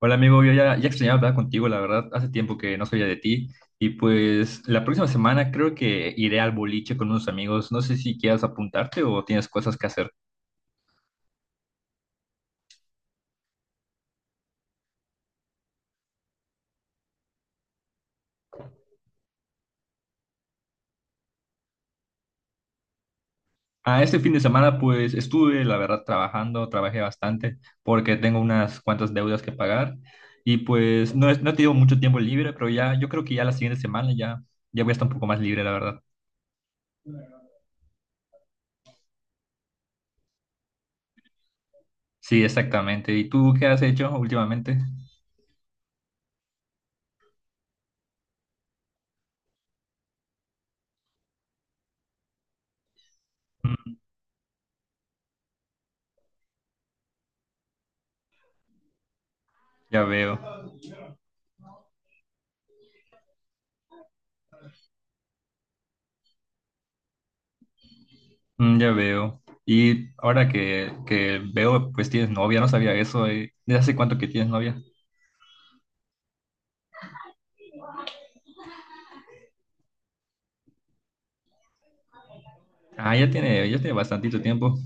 Hola amigo, yo ya extrañaba hablar contigo, la verdad, hace tiempo que no sabía de ti y pues la próxima semana creo que iré al boliche con unos amigos, no sé si quieras apuntarte o tienes cosas que hacer. Ah, este fin de semana pues estuve, la verdad, trabajando, trabajé bastante porque tengo unas cuantas deudas que pagar y pues no, no he tenido mucho tiempo libre, pero ya yo creo que ya la siguiente semana ya, voy a estar un poco más libre, la verdad. Sí, exactamente. ¿Y tú qué has hecho últimamente? Mm, Ya veo. Ya veo. Y ahora que veo, pues tienes novia, no sabía eso, eh. ¿Desde hace cuánto que tienes novia? Ah, ya tiene bastantito tiempo.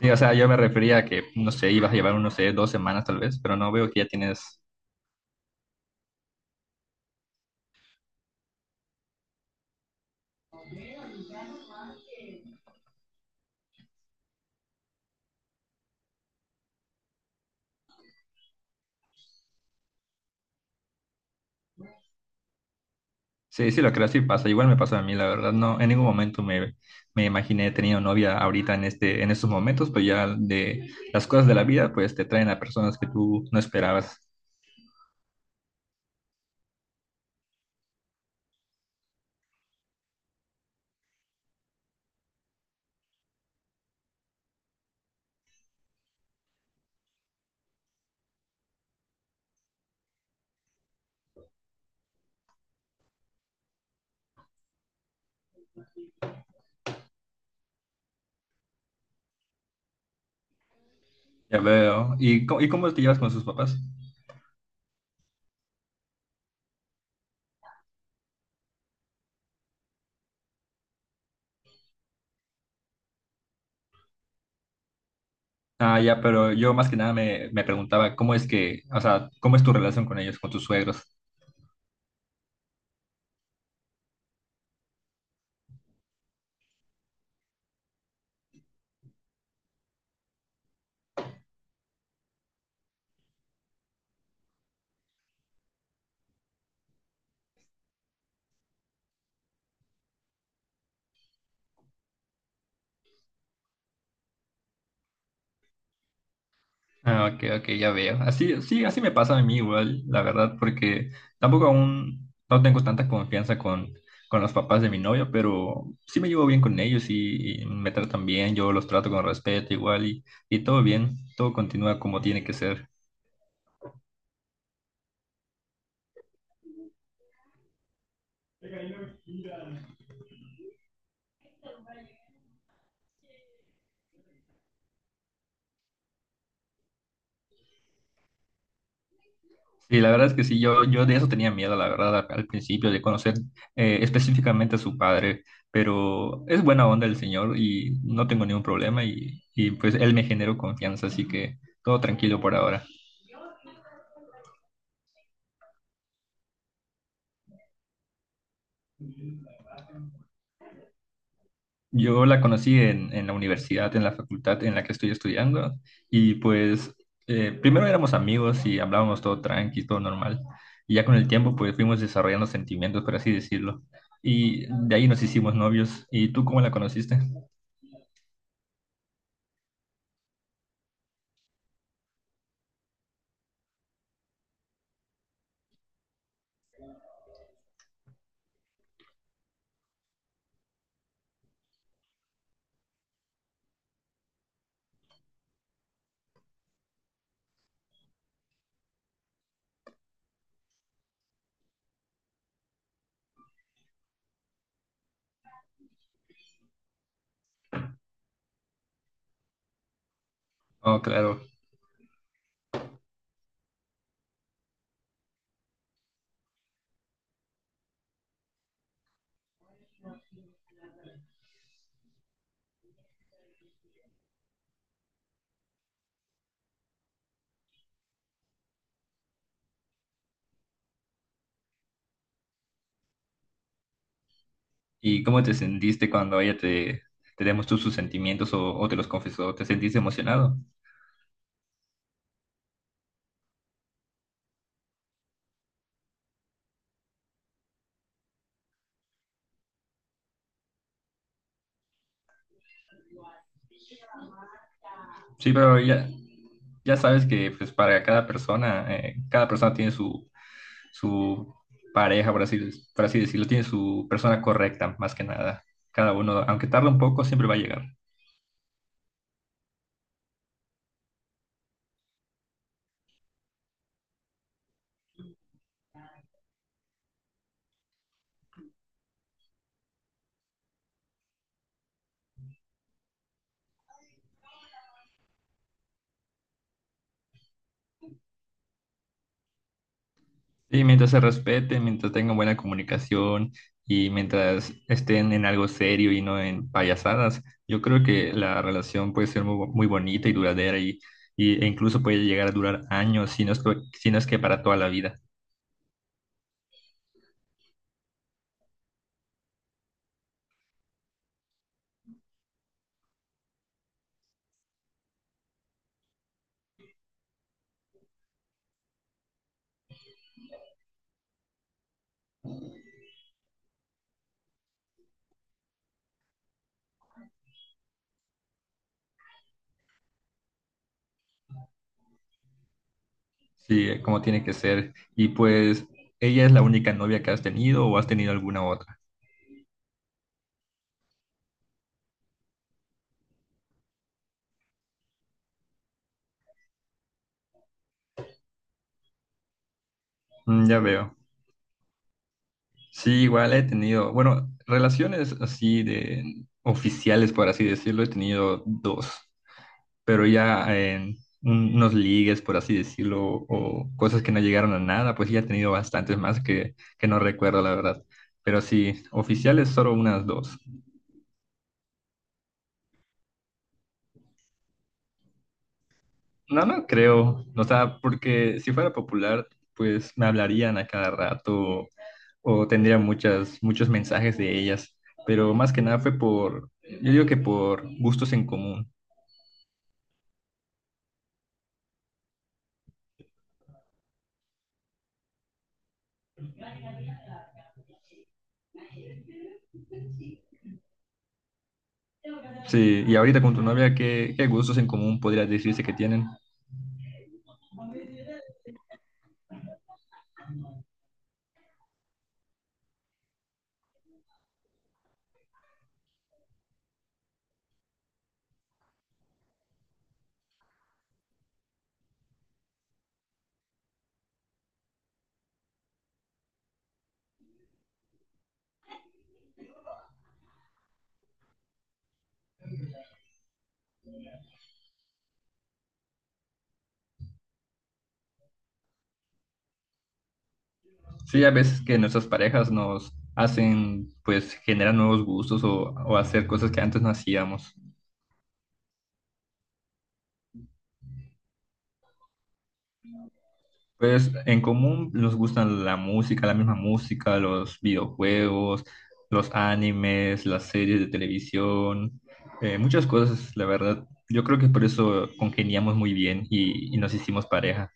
Sí, o sea, yo me refería a que, no sé, ibas a llevar, no sé, dos semanas tal vez, pero no veo que ya tienes... Sí, sí, lo creo, sí pasa. Igual me pasó a mí, la verdad. No, en ningún momento me imaginé teniendo novia ahorita en estos momentos, pues ya de las cosas de la vida, pues te traen a personas que tú no esperabas. Ya veo. ¿Y, y cómo te llevas con sus papás? Ah, ya, pero yo más que nada me preguntaba cómo es que, o sea, cómo es tu relación con ellos, con tus suegros. Ah, ok, ok, ya veo. Así, sí, así me pasa a mí igual, la verdad, porque tampoco aún no tengo tanta confianza con los papás de mi novia, pero sí me llevo bien con ellos y me tratan bien, yo los trato con respeto igual y todo bien, todo continúa como tiene que ser. Sí, la verdad es que sí, yo de eso tenía miedo, la verdad, al principio, de conocer específicamente a su padre, pero es buena onda el señor y no tengo ningún problema y, pues él me generó confianza, así que todo tranquilo por ahora. Yo la conocí en la universidad, en la facultad en la que estoy estudiando y pues primero éramos amigos y hablábamos todo tranqui, todo normal y ya con el tiempo pues fuimos desarrollando sentimientos, por así decirlo. Y de ahí nos hicimos novios. ¿Y tú cómo la conociste? Oh, claro. ¿Y cómo te sentiste cuando ella te demostró sus sentimientos o te los confesó? ¿Te sentiste emocionado? Sí, pero ya, ya sabes que pues para cada persona tiene su, su pareja, por así decirlo, tiene su persona correcta, más que nada. Cada uno, aunque tarde un poco, siempre va a llegar. Sí, mientras se respeten, mientras tengan buena comunicación y mientras estén en algo serio y no en payasadas, yo creo que la relación puede ser muy, muy bonita y duradera y, e incluso puede llegar a durar años, si no es, si no es que para toda la vida. Sí, como tiene que ser. Y pues, ¿ella es la única novia que has tenido o has tenido alguna otra? Mm, ya veo. Sí, igual he tenido, bueno, relaciones así de oficiales, por así decirlo, he tenido dos. Pero ya en unos ligues, por así decirlo, o cosas que no llegaron a nada, pues sí, ya he tenido bastantes más que no recuerdo, la verdad. Pero sí, oficiales solo unas dos. No, no creo, o sea, porque si fuera popular, pues me hablarían a cada rato o tendría muchos mensajes de ellas, pero más que nada fue por, yo digo que por gustos en común. Sí, y ahorita con tu novia, ¿ qué gustos en común podría decirse que tienen? Sí, a veces que nuestras parejas nos hacen, pues generan nuevos gustos o hacer cosas que antes no hacíamos. Pues en común nos gustan la música, la misma música, los videojuegos, los animes, las series de televisión, muchas cosas, la verdad. Yo creo que por eso congeniamos muy bien y nos hicimos pareja.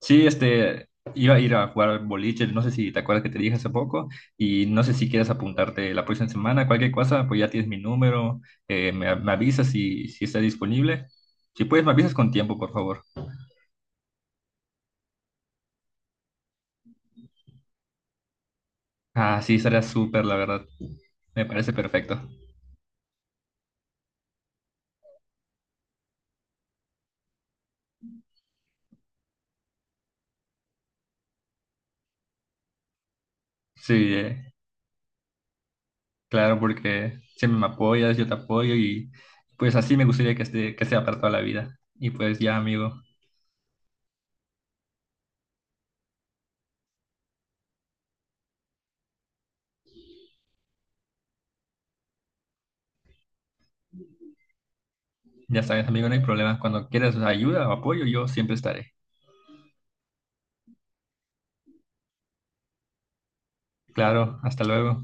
Sí, este, iba a ir a jugar boliche, no sé si te acuerdas que te dije hace poco, y no sé si quieres apuntarte la próxima semana, cualquier cosa, pues ya tienes mi número, me avisas si está disponible. Si puedes, me avisas con tiempo, por favor. Ah, sí, estaría súper, la verdad. Me parece perfecto. Sí, claro, porque siempre me apoyas, yo te apoyo y pues así me gustaría que, esté, que sea para toda la vida. Y pues ya, amigo, ya sabes, amigo, no hay problema. Cuando quieras ayuda o apoyo, yo siempre estaré. Claro, hasta luego.